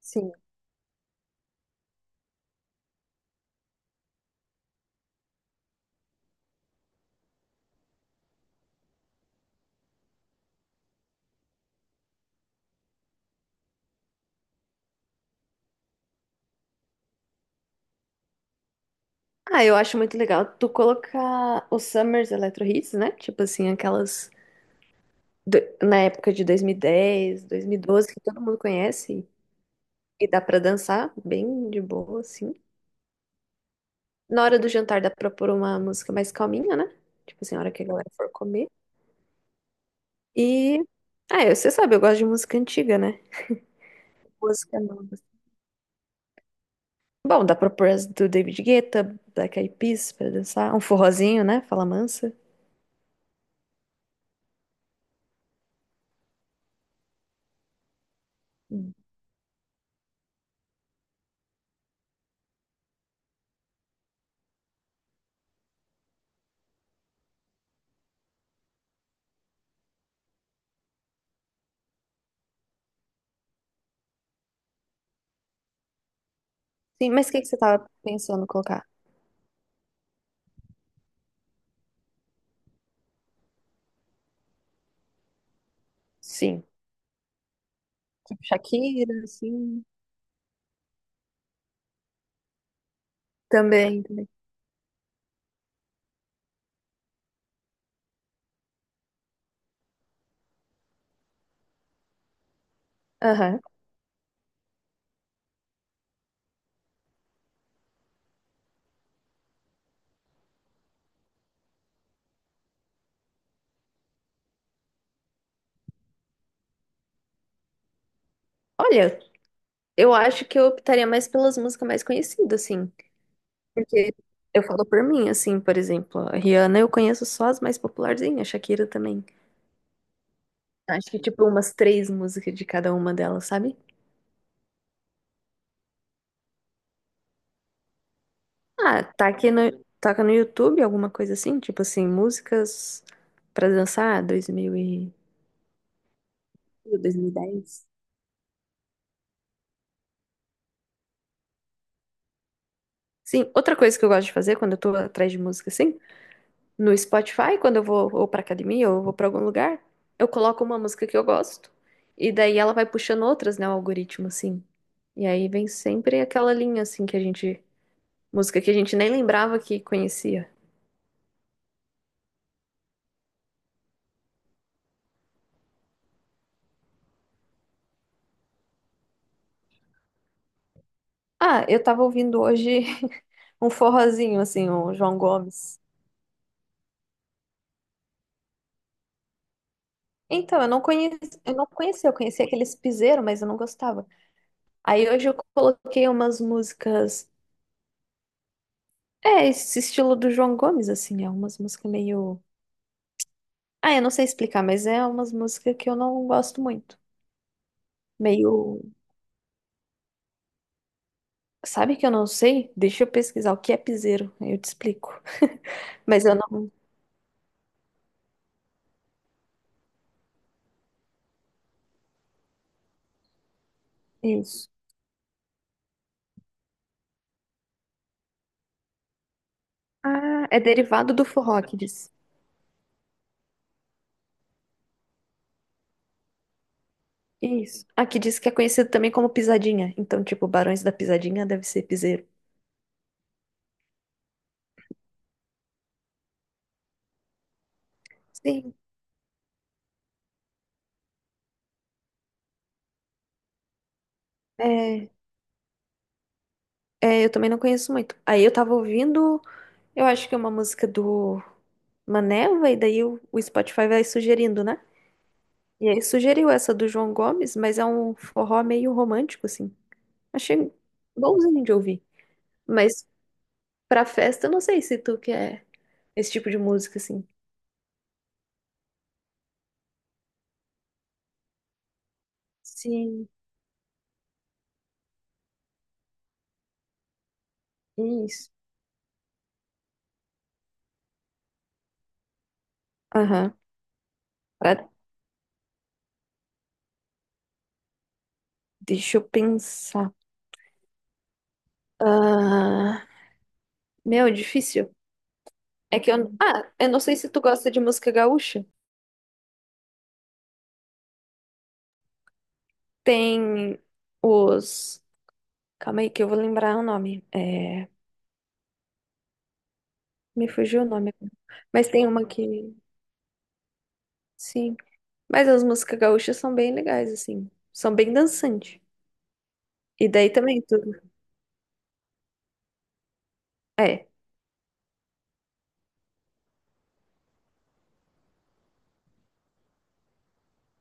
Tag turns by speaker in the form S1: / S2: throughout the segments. S1: Sim. Eu acho muito legal tu colocar os Summers Electro Hits, né? Tipo assim, aquelas na época de 2010, 2012, que todo mundo conhece e dá pra dançar bem de boa, assim. Na hora do jantar dá pra pôr uma música mais calminha, né? Tipo assim, a hora que a galera for comer. E. Você sabe, eu gosto de música antiga, né? Música nova. Bom, dá pra pôr as do David Guetta, Black Eyed Peas pra dançar. Um forrozinho, né? Fala mansa. Sim, mas o que que você tava pensando em colocar? Sim. Tipo Shakira, assim. Também, também. Aham. Olha, eu acho que eu optaria mais pelas músicas mais conhecidas, assim. Porque eu falo por mim, assim, por exemplo, a Rihanna eu conheço só as mais popularzinhas, a Shakira também. Acho que, tipo, umas três músicas de cada uma delas, sabe? Ah, tá aqui no, toca no YouTube, alguma coisa assim, tipo assim, músicas pra dançar, dois mil e dez. Sim, outra coisa que eu gosto de fazer quando eu tô atrás de música, assim, no Spotify, quando eu vou ou pra academia ou eu vou pra algum lugar, eu coloco uma música que eu gosto. E daí ela vai puxando outras, né? O algoritmo, assim. E aí vem sempre aquela linha, assim, que a gente. Música que a gente nem lembrava que conhecia. Ah, eu tava ouvindo hoje um forrozinho, assim, o João Gomes. Então, eu não conhecia, eu conhecia aqueles piseiro, mas eu não gostava. Aí hoje eu coloquei umas músicas. É, esse estilo do João Gomes, assim, é umas músicas meio. Ah, eu não sei explicar, mas é umas músicas que eu não gosto muito. Meio. Sabe que eu não sei? Deixa eu pesquisar o que é piseiro, aí eu te explico. Mas eu não. Isso. Ah, é derivado do forró que diz. Isso. Aqui diz que é conhecido também como pisadinha. Então, tipo, Barões da Pisadinha deve ser piseiro. Sim. É, eu também não conheço muito. Aí eu tava ouvindo, eu acho que é uma música do Maneva, e daí o Spotify vai sugerindo, né? E aí sugeriu essa do João Gomes, mas é um forró meio romântico, assim. Achei bonzinho de ouvir. Mas pra festa, eu não sei se tu quer esse tipo de música, assim. Sim, isso. Aham. Pra- Deixa eu pensar. Ah, meu, difícil. É que eu. Ah, eu não sei se tu gosta de música gaúcha. Tem os. Calma aí que eu vou lembrar o nome. Me fugiu o nome. Mas tem uma que. Sim. Mas as músicas gaúchas são bem legais, assim. São bem dançantes. E daí também tudo. É.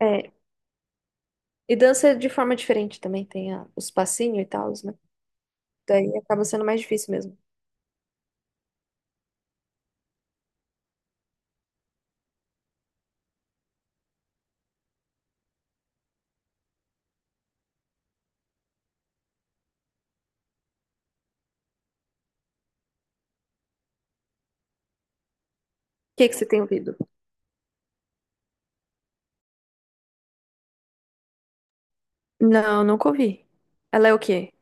S1: É. E dança de forma diferente também, tem os passinhos e tal, né? Daí acaba sendo mais difícil mesmo. O que que você tem ouvido? Não, nunca ouvi. Ela é o quê?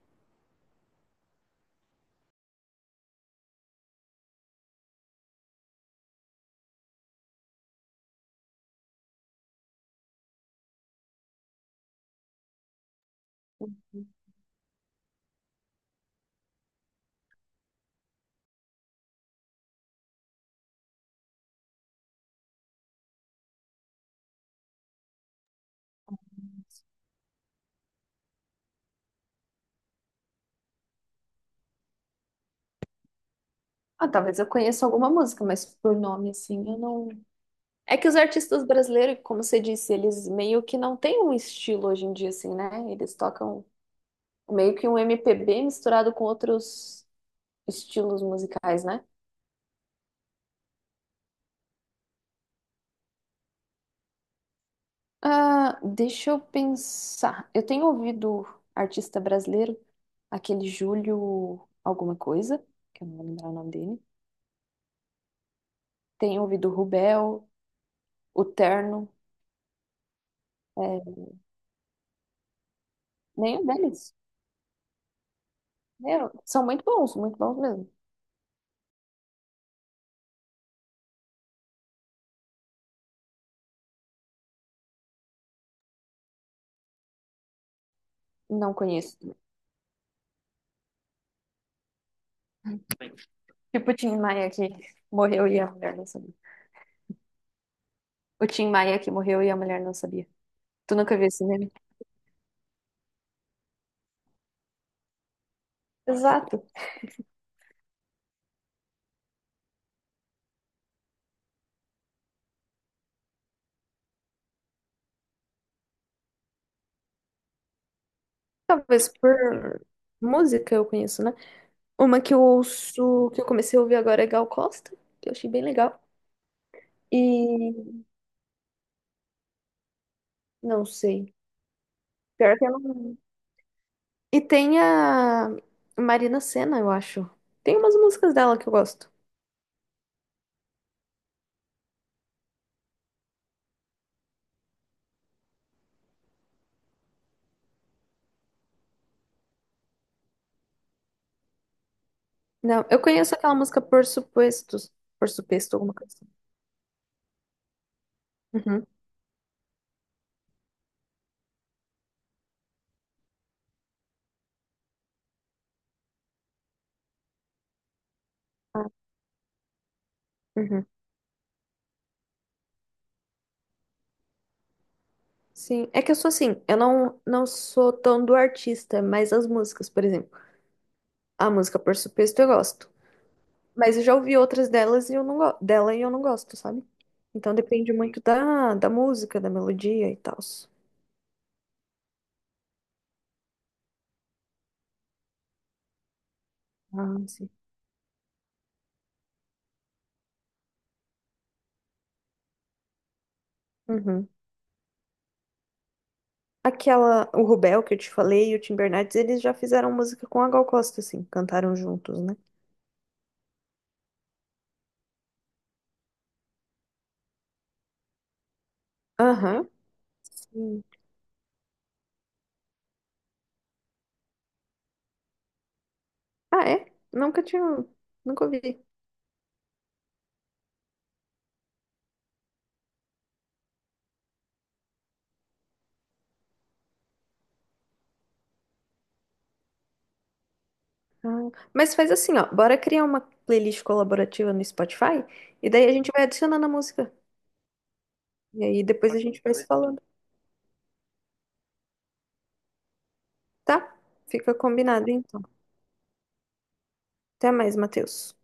S1: Ah, talvez eu conheça alguma música, mas por nome assim, eu não. É que os artistas brasileiros, como você disse, eles meio que não têm um estilo hoje em dia, assim, né? Eles tocam meio que um MPB misturado com outros estilos musicais, né? Ah, deixa eu pensar. Eu tenho ouvido artista brasileiro, aquele Júlio alguma coisa, que eu não vou lembrar o nome dele. Tenho ouvido o Rubel, o Terno. É, nenhum deles. Meu, são muito bons mesmo. Não conheço. Tipo o Tim Maia que morreu e a mulher não sabia. O Tim Maia que morreu e a mulher não sabia. Tu nunca viu esse meme? Exato. Talvez por música eu conheço, né? Uma que eu ouço, que eu comecei a ouvir agora é Gal Costa, que eu achei bem legal. E não sei. Pior que eu não. E tem a Marina Sena, eu acho. Tem umas músicas dela que eu gosto. Não, eu conheço aquela música Por Supostos, Por Suposto, alguma coisa assim. Uhum. Ah, uhum. Sim, é que eu sou assim, eu não, não sou tão do artista, mas as músicas, por exemplo. A música Por Suposto eu gosto. Mas eu já ouvi outras delas e eu não dela e eu não gosto, sabe? Então depende muito da música, da melodia e tal. Ah, sim. Uhum. Aquela, o Rubel que eu te falei e o Tim Bernardes, eles já fizeram música com a Gal Costa, assim, cantaram juntos, né? Aham. Sim. Ah, é? Nunca tinha, nunca ouvi. Ah, mas faz assim, ó, bora criar uma playlist colaborativa no Spotify e daí a gente vai adicionando a música. E aí depois a gente vai se falando, tá? Fica combinado, então. Até mais, Matheus.